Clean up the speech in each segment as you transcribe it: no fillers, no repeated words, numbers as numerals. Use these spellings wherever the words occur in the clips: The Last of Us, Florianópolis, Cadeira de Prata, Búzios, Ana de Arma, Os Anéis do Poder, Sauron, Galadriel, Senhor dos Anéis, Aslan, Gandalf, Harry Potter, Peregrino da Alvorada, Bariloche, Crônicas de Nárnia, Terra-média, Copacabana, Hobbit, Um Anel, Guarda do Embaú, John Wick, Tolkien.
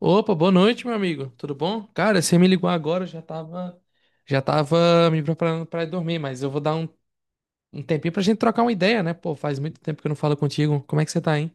Opa, boa noite, meu amigo. Tudo bom? Cara, você me ligou agora, eu já tava me preparando pra ir dormir, mas eu vou dar um tempinho pra gente trocar uma ideia, né? Pô, faz muito tempo que eu não falo contigo. Como é que você tá, hein?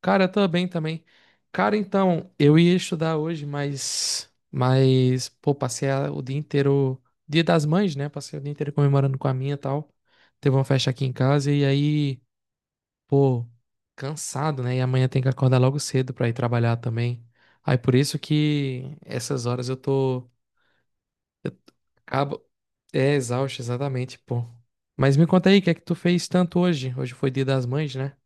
Cara, eu tô bem também. Cara, então, eu ia estudar hoje, mas, pô, passei o dia inteiro, Dia das Mães, né? Passei o dia inteiro comemorando com a minha e tal. Teve uma festa aqui em casa e aí pô, cansado, né? E amanhã tem que acordar logo cedo pra ir trabalhar também. Aí por isso que essas horas eu tô. Eu acabo. É exausto, exatamente, pô. Mas me conta aí, o que é que tu fez tanto hoje? Hoje foi Dia das Mães, né?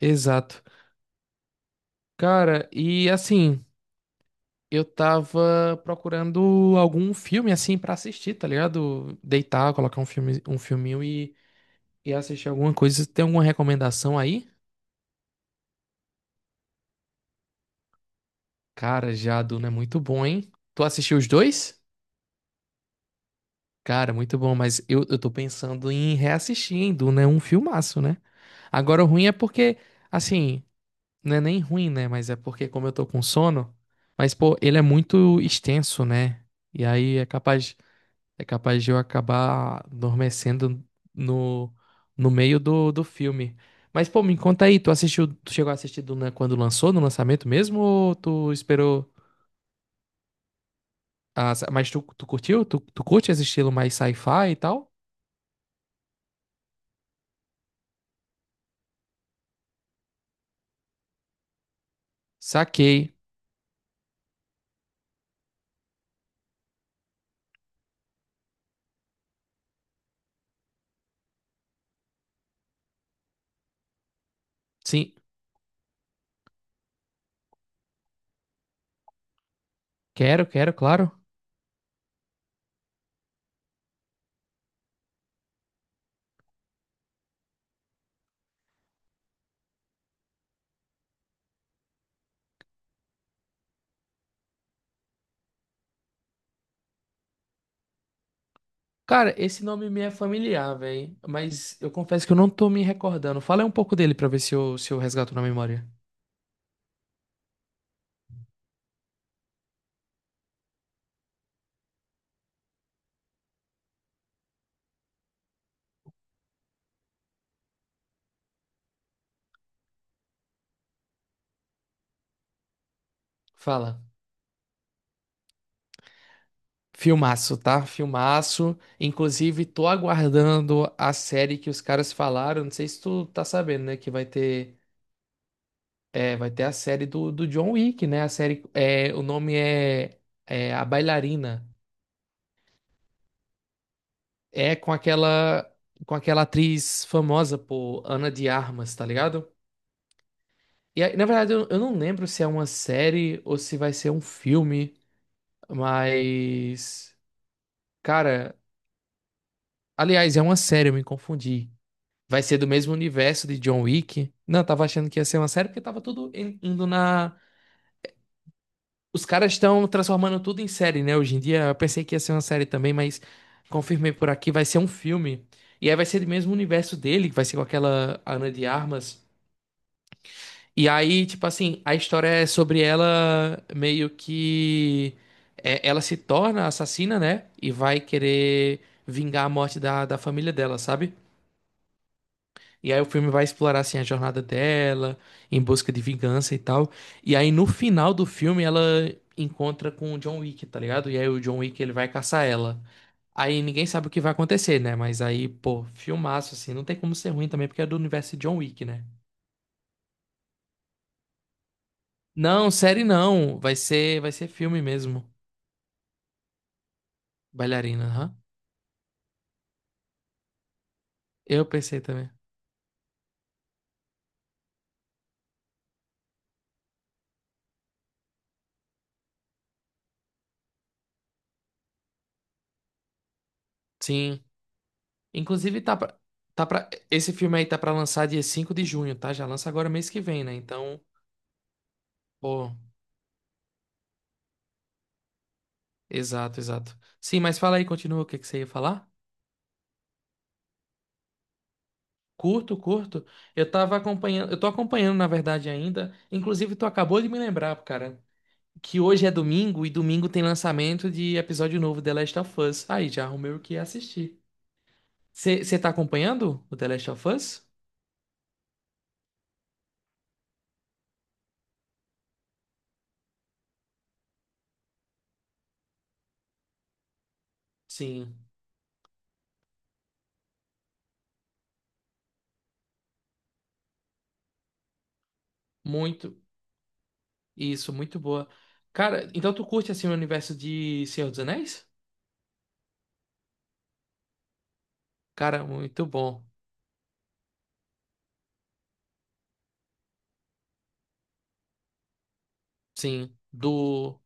Exato. Cara, e assim, eu tava procurando algum filme assim pra assistir, tá ligado? Deitar, colocar um filme, um filminho e assistir alguma coisa. Tem alguma recomendação aí? Cara, já Jaduna é muito bom, hein? Tu assistiu os dois? Cara, muito bom, mas eu tô pensando em reassistir, hein, Duna é um filmaço, né? Agora o ruim é porque, assim, não é nem ruim, né? Mas é porque como eu tô com sono, mas pô, ele é muito extenso, né? E aí é capaz de eu acabar adormecendo no, no meio do filme. Mas pô, me conta aí, tu assistiu, tu chegou a assistir Duna quando lançou, no lançamento mesmo, ou tu esperou? Ah, mas tu curtiu? Tu curte esse estilo mais sci-fi e tal? Saquei. Sim. Quero, quero, claro. Cara, esse nome me é familiar, velho. Mas eu confesso que eu não tô me recordando. Fala aí um pouco dele pra ver se eu, resgato na memória. Fala. Filmaço, tá? Filmaço. Inclusive, tô aguardando a série que os caras falaram. Não sei se tu tá sabendo, né? Que vai ter, vai ter a série do John Wick, né? A série. É, o nome é, é A Bailarina. É com aquela atriz famosa, pô, Ana de Armas, tá ligado? E aí, na verdade, eu não lembro se é uma série ou se vai ser um filme, mas. Cara, aliás, é uma série, eu me confundi. Vai ser do mesmo universo de John Wick. Não, eu tava achando que ia ser uma série porque tava tudo indo na. Os caras estão transformando tudo em série, né? Hoje em dia, eu pensei que ia ser uma série também, mas confirmei por aqui, vai ser um filme. E aí vai ser do mesmo universo dele, que vai ser com aquela Ana de Armas. E aí, tipo assim, a história é sobre ela meio que. Ela se torna assassina, né? E vai querer vingar a morte da família dela, sabe? E aí o filme vai explorar, assim, a jornada dela, em busca de vingança e tal. E aí no final do filme ela encontra com o John Wick, tá ligado? E aí o John Wick ele vai caçar ela. Aí ninguém sabe o que vai acontecer, né? Mas aí, pô, filmaço, assim, não tem como ser ruim também, porque é do universo de John Wick, né? Não, série não. Vai ser filme mesmo. Bailarina, aham. Eu pensei também. Sim. Inclusive, esse filme aí tá pra lançar dia 5 de junho, tá? Já lança agora mês que vem, né? Então, pô, exato, exato. Sim, mas fala aí, continua o que que você ia falar? Curto, curto. Eu tava acompanhando, eu tô acompanhando, na verdade, ainda. Inclusive, tu acabou de me lembrar, cara, que hoje é domingo e domingo tem lançamento de episódio novo de The Last of Us. Aí, já arrumei o que assistir. Você tá acompanhando o The Last of Us? Sim, muito. Isso, muito boa. Cara, então tu curte assim o universo de Senhor dos Anéis? Cara, muito bom. Sim, do.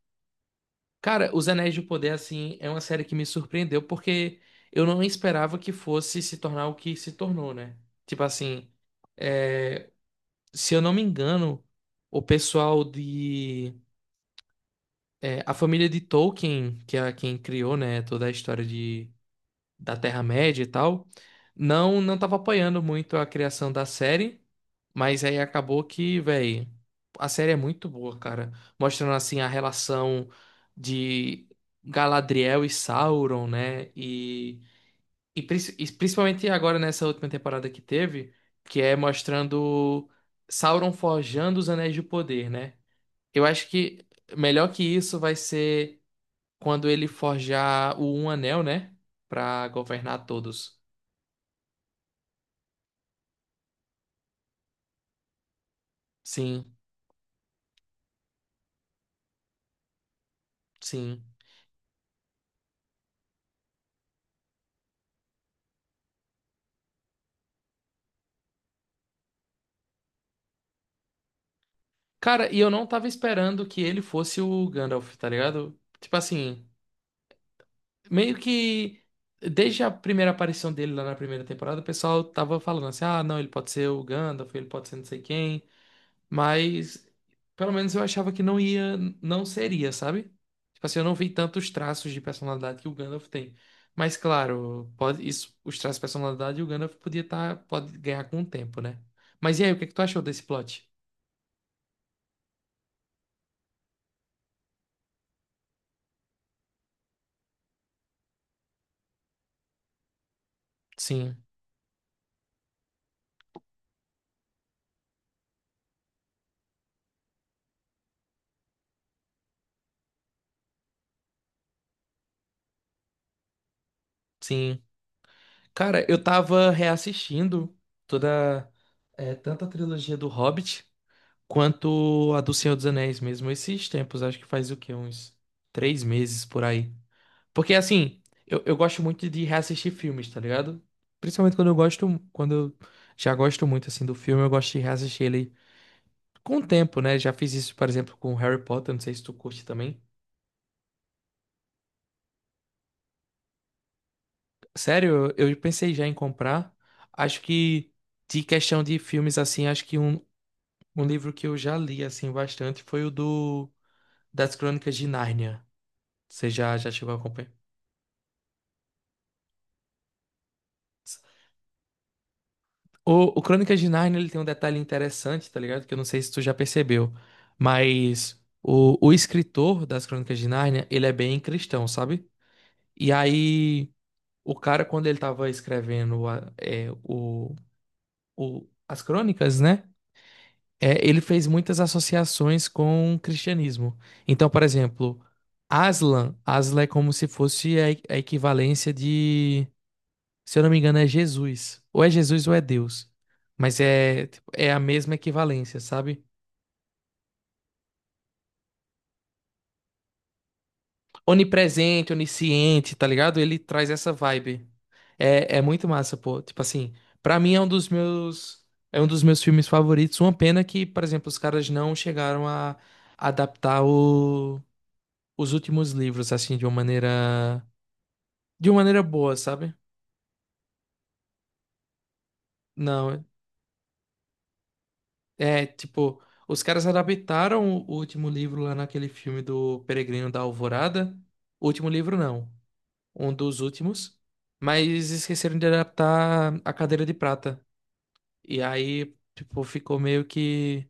Cara, Os Anéis do Poder, assim, é uma série que me surpreendeu porque eu não esperava que fosse se tornar o que se tornou, né? Tipo assim, se eu não me engano, o pessoal de. A família de Tolkien, que é quem criou, né, toda a história de da Terra-média e tal, não tava apoiando muito a criação da série, mas aí acabou que, velho, a série é muito boa, cara, mostrando assim a relação de Galadriel e Sauron, né? E principalmente agora nessa última temporada que teve, que é mostrando Sauron forjando os Anéis de Poder, né? Eu acho que melhor que isso vai ser quando ele forjar o Um Anel, né? Pra governar todos. Sim, sim. Cara, e eu não tava esperando que ele fosse o Gandalf, tá ligado? Tipo assim, meio que desde a primeira aparição dele lá na primeira temporada, o pessoal tava falando assim: ah, não, ele pode ser o Gandalf, ele pode ser não sei quem, mas pelo menos eu achava que não ia, não seria, sabe? Tipo assim, eu não vi tantos traços de personalidade que o Gandalf tem. Mas claro, pode, isso, os traços de personalidade o Gandalf podia tá, pode ganhar com o tempo, né? Mas e aí, o que é que tu achou desse plot? Sim, sim. Cara, eu tava reassistindo toda, tanto a trilogia do Hobbit quanto a do Senhor dos Anéis mesmo, esses tempos, acho que faz o quê? Uns 3 meses por aí. Porque assim, eu gosto muito de reassistir filmes, tá ligado? Principalmente quando eu gosto, quando eu já gosto muito assim do filme, eu gosto de reassistir ele com o tempo, né? Já fiz isso, por exemplo, com Harry Potter, não sei se tu curte também. Sério, eu pensei já em comprar. Acho que de questão de filmes assim, acho que um livro que eu já li, assim, bastante foi o do... Das Crônicas de Nárnia. Você já chegou a acompanhar? O Crônicas de Nárnia, ele tem um detalhe interessante, tá ligado? Que eu não sei se tu já percebeu, mas o escritor das Crônicas de Nárnia, ele é bem cristão, sabe? E aí, o cara, quando ele tava escrevendo as crônicas, né? Ele fez muitas associações com o cristianismo. Então, por exemplo, Aslan, Aslan é como se fosse a, equivalência de, se eu não me engano, é Jesus. Ou é Jesus ou é Deus. Mas é, tipo, é a mesma equivalência, sabe? Onipresente, onisciente, tá ligado? Ele traz essa vibe. É, é muito massa, pô. Tipo assim, pra mim é um dos meus filmes favoritos. Uma pena que, por exemplo, os caras não chegaram a adaptar o os últimos livros, assim, de uma maneira. De uma maneira boa, sabe? Não. É, tipo, os caras adaptaram o último livro lá naquele filme do Peregrino da Alvorada. O último livro, não. Um dos últimos. Mas esqueceram de adaptar a Cadeira de Prata. E aí, tipo, ficou meio que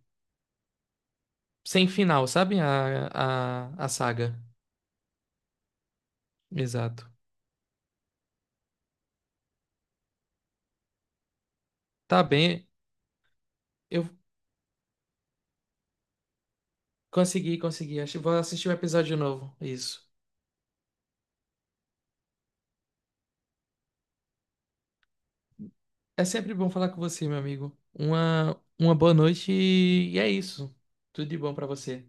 sem final, sabe? A saga. Exato. Tá bem. Eu consegui, consegui. Acho que vou assistir o episódio novo. Isso. É sempre bom falar com você, meu amigo. Uma boa noite e é isso. Tudo de bom pra você.